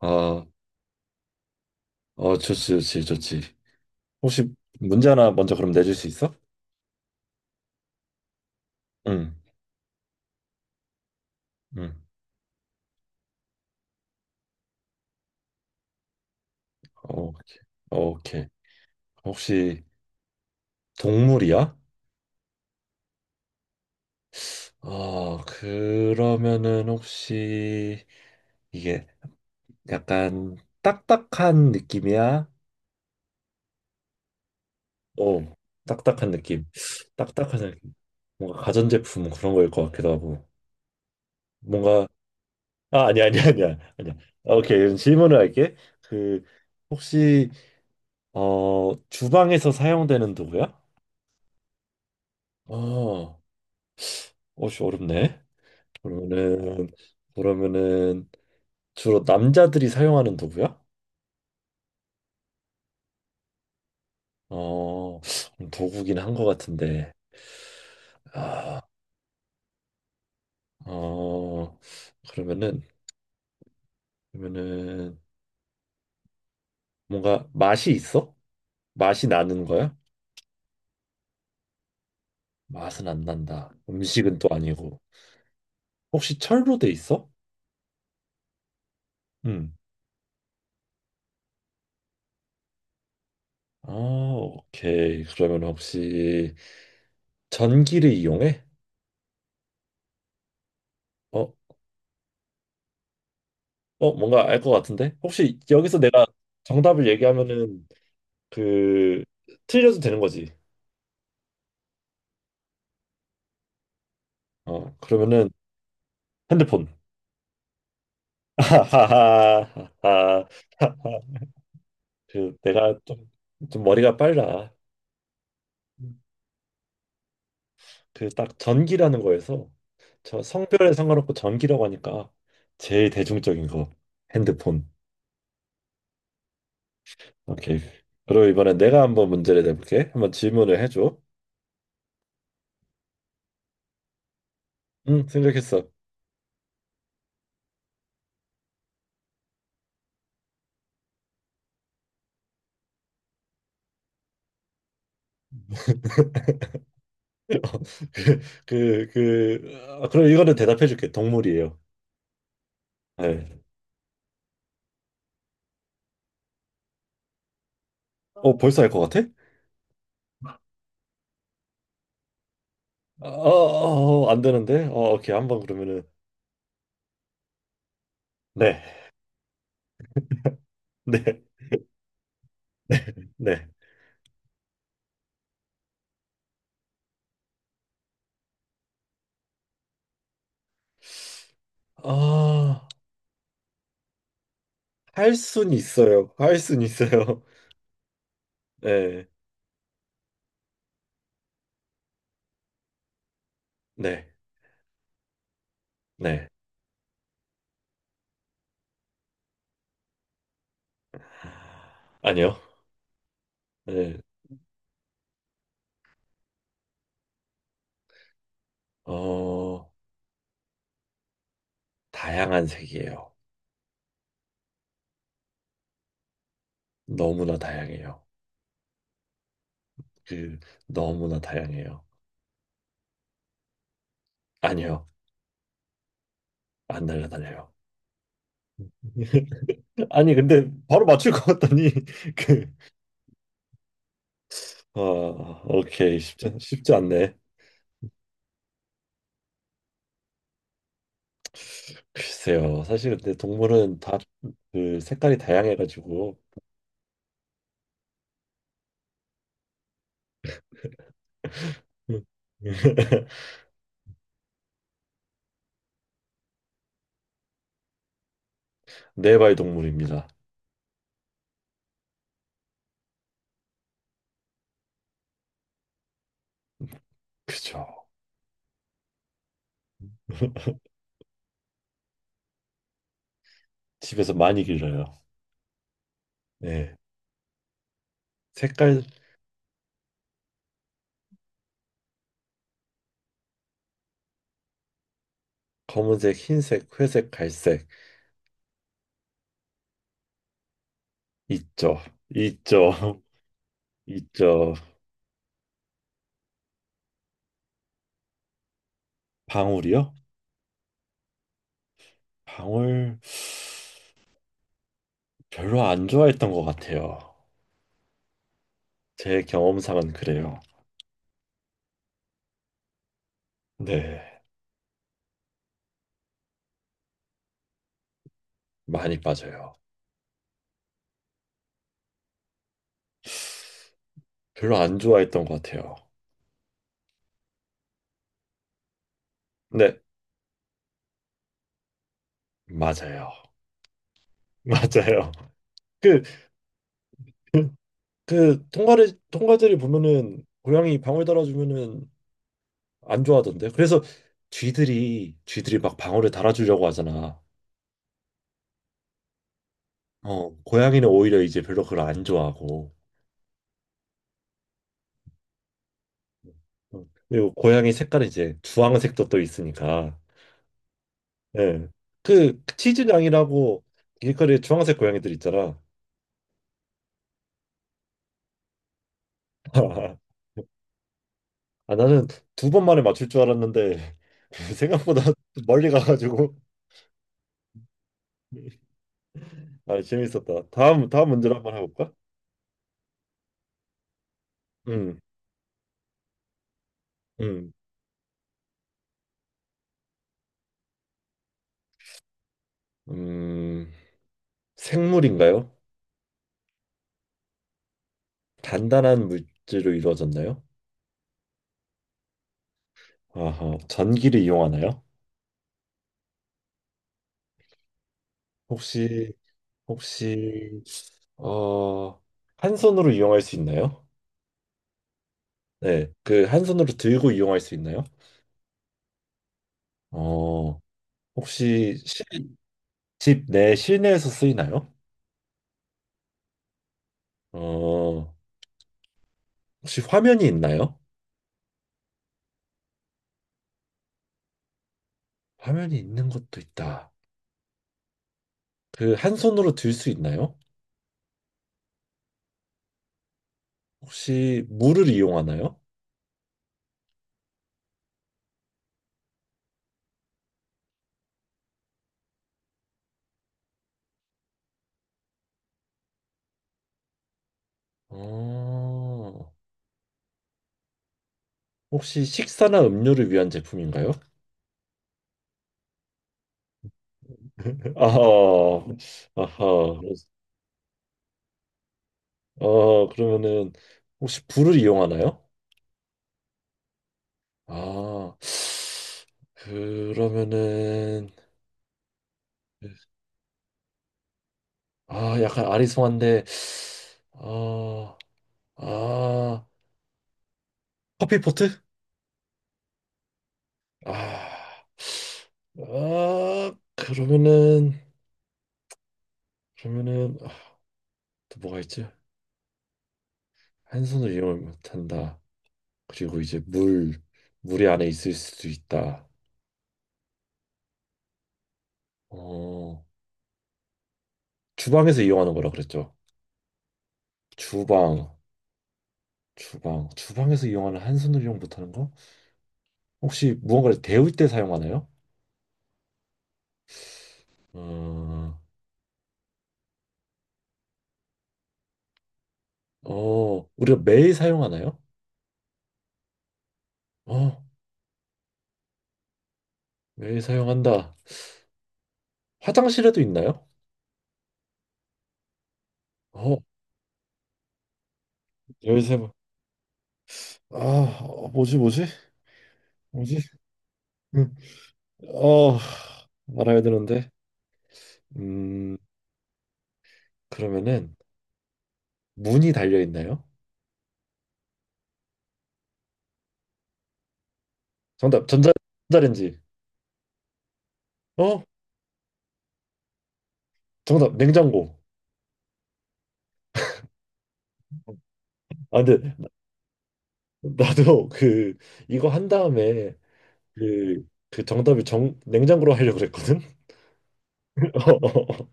아, 어, 좋지, 좋지, 좋지. 혹시 문제 하나 먼저 그럼 내줄 수 있어? 응, 응. 오케이, 오케이. 혹시 동물이야? 그러면은 혹시 이게 약간 딱딱한 느낌이야? 어, 딱딱한 느낌. 딱딱한 느낌. 뭔가 가전제품 그런 거일 것 같기도 하고. 뭔가, 아, 아니야, 아니야, 아니야. 아니야. 오케이, 그럼 질문을 할게. 그, 혹시, 주방에서 사용되는 도구야? 어, 어씨 어렵네. 그러면은 그러면은 주로 남자들이 사용하는 도구야? 어, 도구긴 한 것 같은데. 아, 어, 그러면은 그러면은 뭔가 맛이 있어? 맛이 나는 거야? 맛은 안 난다. 음식은 또 아니고. 혹시 철로 돼 있어? 응. 아, 오케이. 그러면 혹시 전기를 이용해? 어, 어, 뭔가 알 것 같은데? 혹시 여기서 내가 정답을 얘기하면은 그 틀려도 되는 거지. 어, 그러면은 핸드폰. 하하하하하. 그 내가 좀 머리가 빨라. 그 딱 전기라는 거에서 저 성별에 상관없고 전기라고 하니까 제일 대중적인 거 핸드폰. 오케이. 그리고 이번에 내가 한번 문제를 내볼게. 한번 질문을 해줘. 응, 생각했어. 그럼 이거는 대답해줄게. 동물이에요. 네. 어, 벌써 알 것 같아? 어, 어, 어, 안 되는데? 어, 오케이. 한번 그러면은. 네. 네. 네. 아, 할 순 있어요. 할 순 있어요. 네. 네. 네. 아니요. 네. 어, 다양한 색이에요. 너무나 다양해요. 그, 너무나 다양해요. 아니요. 안 날라다녀요. 아니, 근데 바로 맞출 것 같다니. 그, 어, 오케이. 쉽지, 쉽지 않네. 글쎄요. 사실 근데 동물은 다 그 색깔이 다양해가지고. 네발 동물입니다. 그죠. 집에서 많이 길러요. 네. 색깔 검은색, 흰색, 회색, 갈색 있죠. 있죠. 있죠. 방울이요? 방울 별로 안 좋아했던 것 같아요. 제 경험상은 그래요. 네. 많이 빠져요. 별로 안 좋아했던 것 같아요. 네. 맞아요. 맞아요. 그, 그, 그 통과를 통과들이 보면은 고양이 방울 달아주면은 안 좋아하던데. 그래서 쥐들이 막 방울을 달아주려고 하잖아. 어, 고양이는 오히려 이제 별로 그걸 안 좋아하고. 어, 그리고 고양이 색깔이 이제 주황색도 또 있으니까. 예. 그 치즈냥이라고 길거리에 주황색 고양이들 있잖아. 아, 나는 두 번 만에 맞출 줄 알았는데 생각보다 멀리 가가지고. 아, 재밌었다. 다음, 다음 문제로 한번 해볼까? 음, 음, 음, 생물인가요? 단단한 물질로 이루어졌나요? 아하, 전기를 이용하나요? 혹시, 혹시, 어, 한 손으로 이용할 수 있나요? 네, 그 한 손으로 들고 이용할 수 있나요? 어, 혹시 집 내 실내에서 쓰이나요? 어, 혹시 화면이 있나요? 화면이 있는 것도 있다. 그 한 손으로 들 수 있나요? 혹시 물을 이용하나요? 어, 혹시 식사나 음료를 위한 제품인가요? 아하, 아하. 어, 그러면은 혹시 불을 이용하나요? 아, 그러면은 아, 약간 아리송한데. 아, 아, 커피포트? 아, 아, 그러면은 아, 또 뭐가 있지? 한 손을 이용을 못한다. 그리고 이제 물, 물이 안에 있을 수도 있다. 어, 주방에서 이용하는 거라 그랬죠. 주방, 주방에서 이용하는 한 손으로 이용 못하는 거? 혹시 무언가를 데울 때 사용하나요? 어, 어, 우리가 매일 사용하나요? 어, 매일 사용한다. 화장실에도 있나요? 어, 13번. 아, 어, 뭐지? 뭐지? 음, 어, 말아야 되는데. 음, 그러면은 문이 달려 있나요? 정답, 전자레인지. 어? 정답 냉장고. 아 근데 나- 나도 그 이거 한 다음에 그 그 정답을 정 냉장고로 하려고 그랬거든. 어. 어, 어.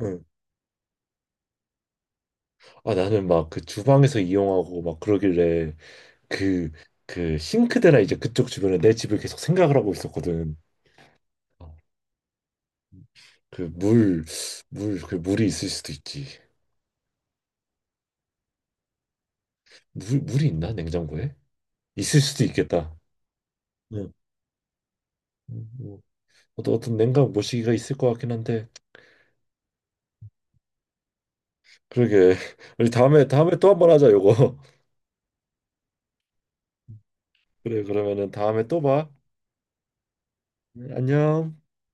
응. 아 나는 막 그 주방에서 이용하고 막 그러길래 그 그 싱크대나 이제 그쪽 주변에 내 집을 계속 생각을 하고 있었거든. 어, 그 물, 물, 그 물이 있을 수도 있지. 물, 물이 있나 냉장고에? 있을 수도 있겠다. 응. 뭐, 어떤 냉각 모시기가 있을 것 같긴 한데. 그러게. 우리 다음에 다음에 또 한 번 하자 요거. 그래, 그러면은 다음에 또 봐. 네, 안녕.